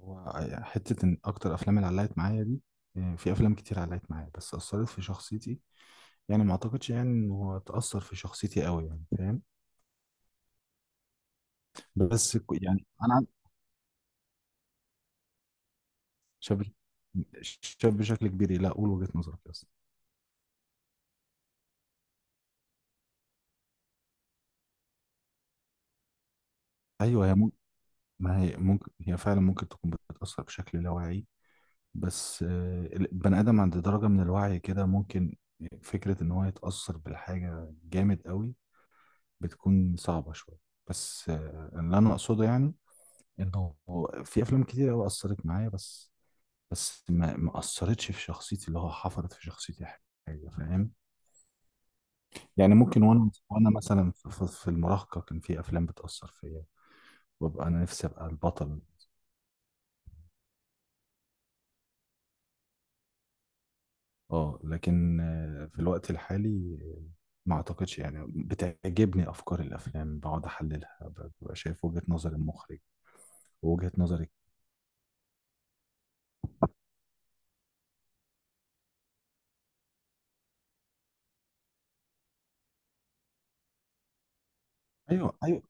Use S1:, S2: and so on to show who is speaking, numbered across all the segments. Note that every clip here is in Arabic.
S1: هو يعني حتة إن أكتر أفلام اللي علقت معايا دي. في أفلام كتير علقت معايا، بس أثرت في شخصيتي. يعني ما أعتقدش، يعني إن هو تأثر في شخصيتي أوي، يعني فاهم؟ بس يعني أنا شاب شاب بشكل كبير لا أقول وجهة نظرك أصلا. أيوه، هي ممكن. ما هي ممكن، هي فعلا ممكن تكون بتأثر بشكل لا واعي. بس البني آدم عند درجة من الوعي كده، ممكن فكرة إن هو يتأثر بالحاجة جامد أوي بتكون صعبة شوية. بس اللي أنا أقصده يعني انه في افلام كتير قوي اثرت معايا، بس ما اثرتش في شخصيتي، اللي هو حفرت في شخصيتي حاجه، فاهم؟ يعني ممكن وانا مثلا في المراهقه كان في افلام بتاثر فيا، وابقى انا نفسي ابقى البطل. اه، لكن في الوقت الحالي، ما اعتقدش، يعني بتعجبني افكار الافلام بقعد احللها ببقى شايف وجهه نظر المخرج ووجهه نظري. ايوه، ايوه.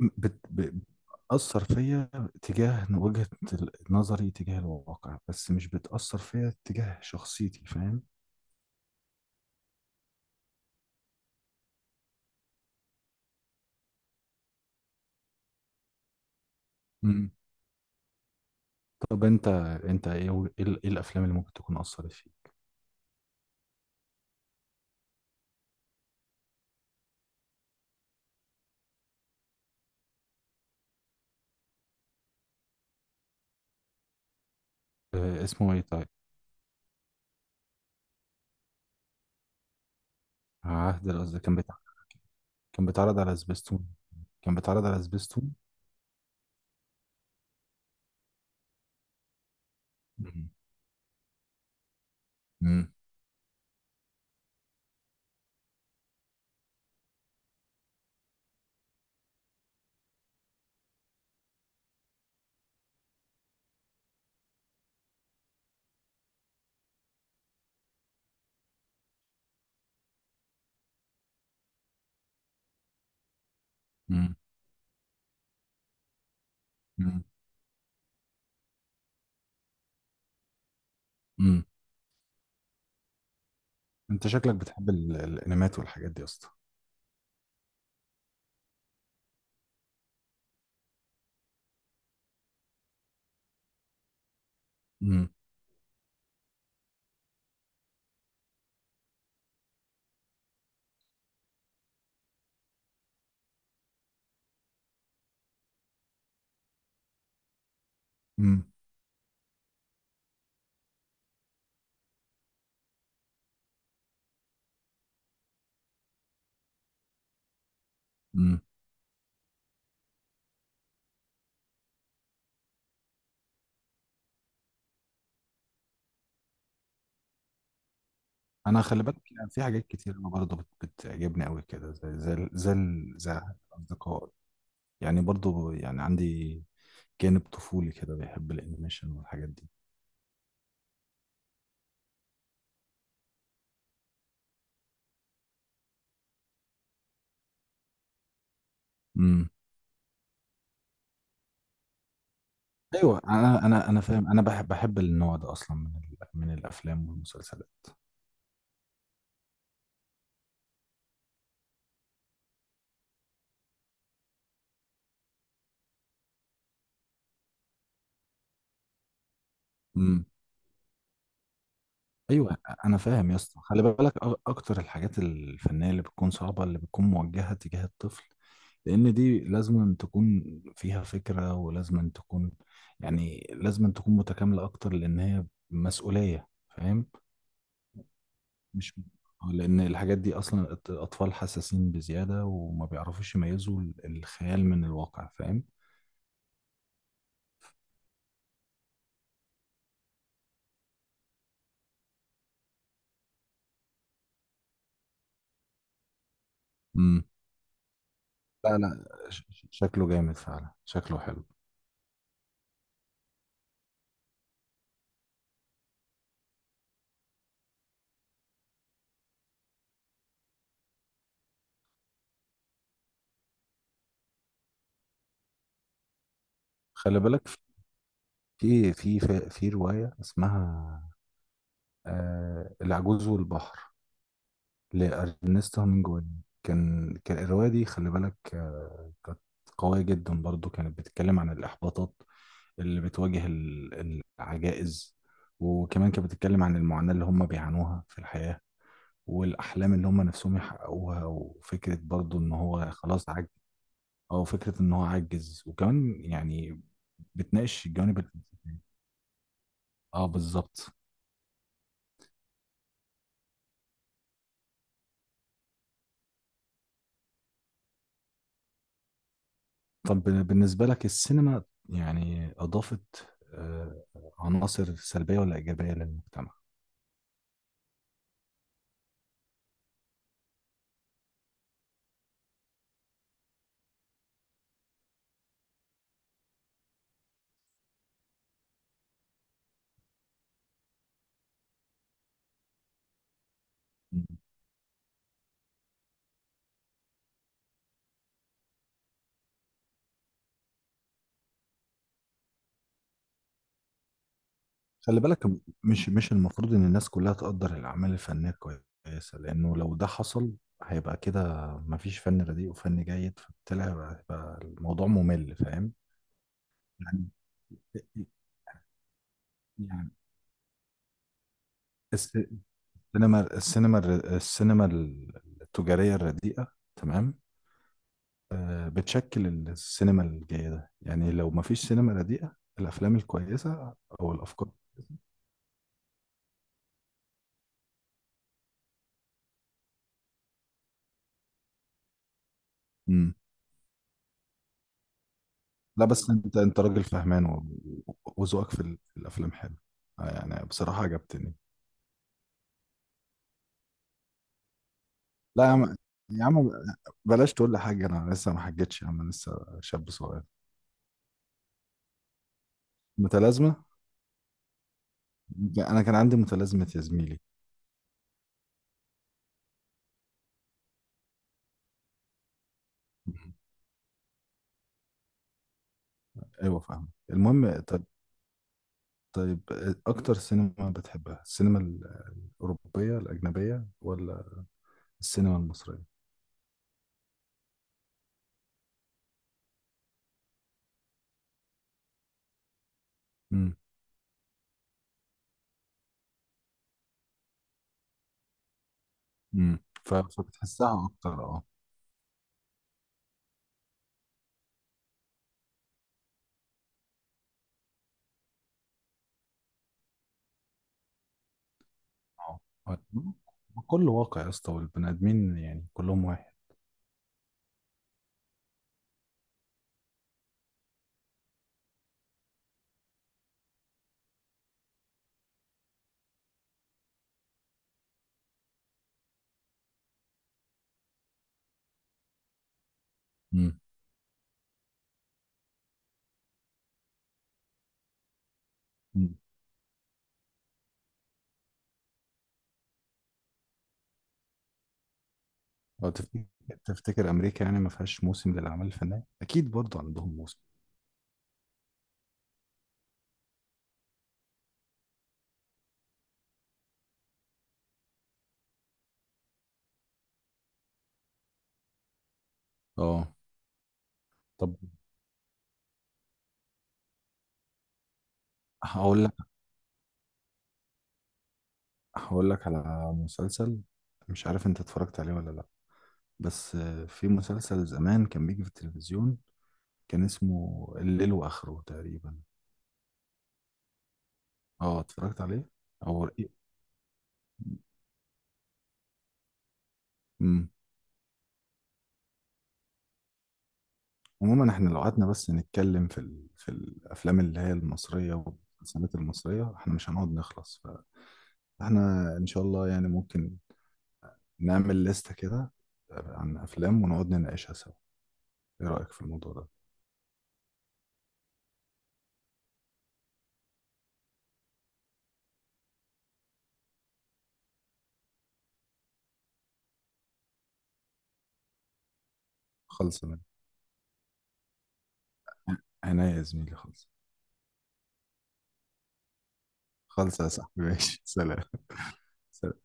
S1: بت... ب- بتأثر فيا تجاه وجهة نظري تجاه الواقع، بس مش بتأثر فيا تجاه شخصيتي، فاهم؟ مم. طب انت ايه و- ايه ال- إيه الافلام اللي ممكن تكون أثرت فيك؟ اسمه ايه، طيب؟ عهد، القصد كان بتاع كان بيتعرض على سبيستون كان بيتعرض على سبيستون. مم. مم. مم. مم. مم. انت شكلك بتحب الانميات والحاجات دي يا اسطى. مم. مم. مم. انا، خلي بالك، يعني في حاجات كتير أنا برضه بتعجبني قوي كده، زي الاصدقاء، يعني برضه، يعني عندي جانب طفولي كده بيحب الانيميشن والحاجات دي. امم. ايوه، انا فاهم، انا بحب النوع ده اصلا من الافلام والمسلسلات. امم. ايوه، انا فاهم يا اسطى. خلي بالك، اكتر الحاجات الفنيه اللي بتكون صعبه، اللي بتكون موجهه تجاه الطفل، لان دي لازم أن تكون فيها فكره، ولازم أن تكون، يعني لازم أن تكون متكامله اكتر، لان هي مسؤوليه، فاهم؟ مش، لان الحاجات دي اصلا الاطفال حساسين بزياده، وما بيعرفوش يميزوا الخيال من الواقع، فاهم؟ امم. لا، لا، شكله جامد فعلا، شكله حلو. خلي بالك، في روايه اسمها العجوز والبحر لأرنست هامينجواي. كان الرواية دي، خلي بالك، كانت قوية جدا برضو، كانت بتتكلم عن الإحباطات اللي بتواجه العجائز، وكمان كانت بتتكلم عن المعاناة اللي هم بيعانوها في الحياة، والأحلام اللي هم نفسهم يحققوها، وفكرة برضو إن هو خلاص عجز، أو فكرة إن هو عجز، وكمان يعني بتناقش الجوانب اه، بالظبط. طب بالنسبة لك، السينما يعني أضافت آه، عناصر سلبية ولا إيجابية للمجتمع؟ مم. خلي بالك، مش المفروض إن الناس كلها تقدر الأعمال الفنية كويسة، لأنه لو ده حصل هيبقى كده مفيش فن رديء وفن جيد، فبالتالي هيبقى الموضوع ممل، فاهم؟ يعني يعني الس- السينما التجارية الرديئة، تمام، بتشكل السينما الجيدة. يعني لو ما فيش سينما رديئة، الأفلام الكويسة، أو الأفكار. مم. لا، بس أنت راجل فهمان، وذوقك في الأفلام حلو، يعني بصراحة عجبتني. لا يا عم، يا عم، بلاش تقول لي حاجة، أنا لسه ما حجتش يا عم، أنا لسه شاب صغير. متلازمة. أنا كان عندي متلازمة يا زميلي. مم. أيوه، فاهم، المهم، طيب أكتر سينما بتحبها، السينما الأوروبية الأجنبية ولا السينما المصرية؟ فبتحسها اكتر، اه. اه، آه. كله واقع يا اسطى، والبني ادمين يعني كلهم واحد. امم، امم. لو تفتكر امريكا يعني ما فيهاش موسم للاعمال الفنيه؟ اكيد برضو عندهم موسم. اه، طب هقول لك هقول لك على مسلسل، مش عارف انت اتفرجت عليه ولا لا. بس في مسلسل زمان كان بيجي في التلفزيون، كان اسمه الليل واخره تقريبا. اه، اتفرجت عليه. او، امم. عموما احنا لو قعدنا بس نتكلم في الافلام اللي هي المصريه والمسلسلات المصريه، احنا مش هنقعد نخلص. فاحنا ان شاء الله يعني ممكن نعمل لستة كده عن افلام، ونقعد نناقشها سوا. ايه رايك في الموضوع ده؟ خلص من عينيا يا زميلي. خلص، خلص يا صاحبي، ماشي، سلام، سلام.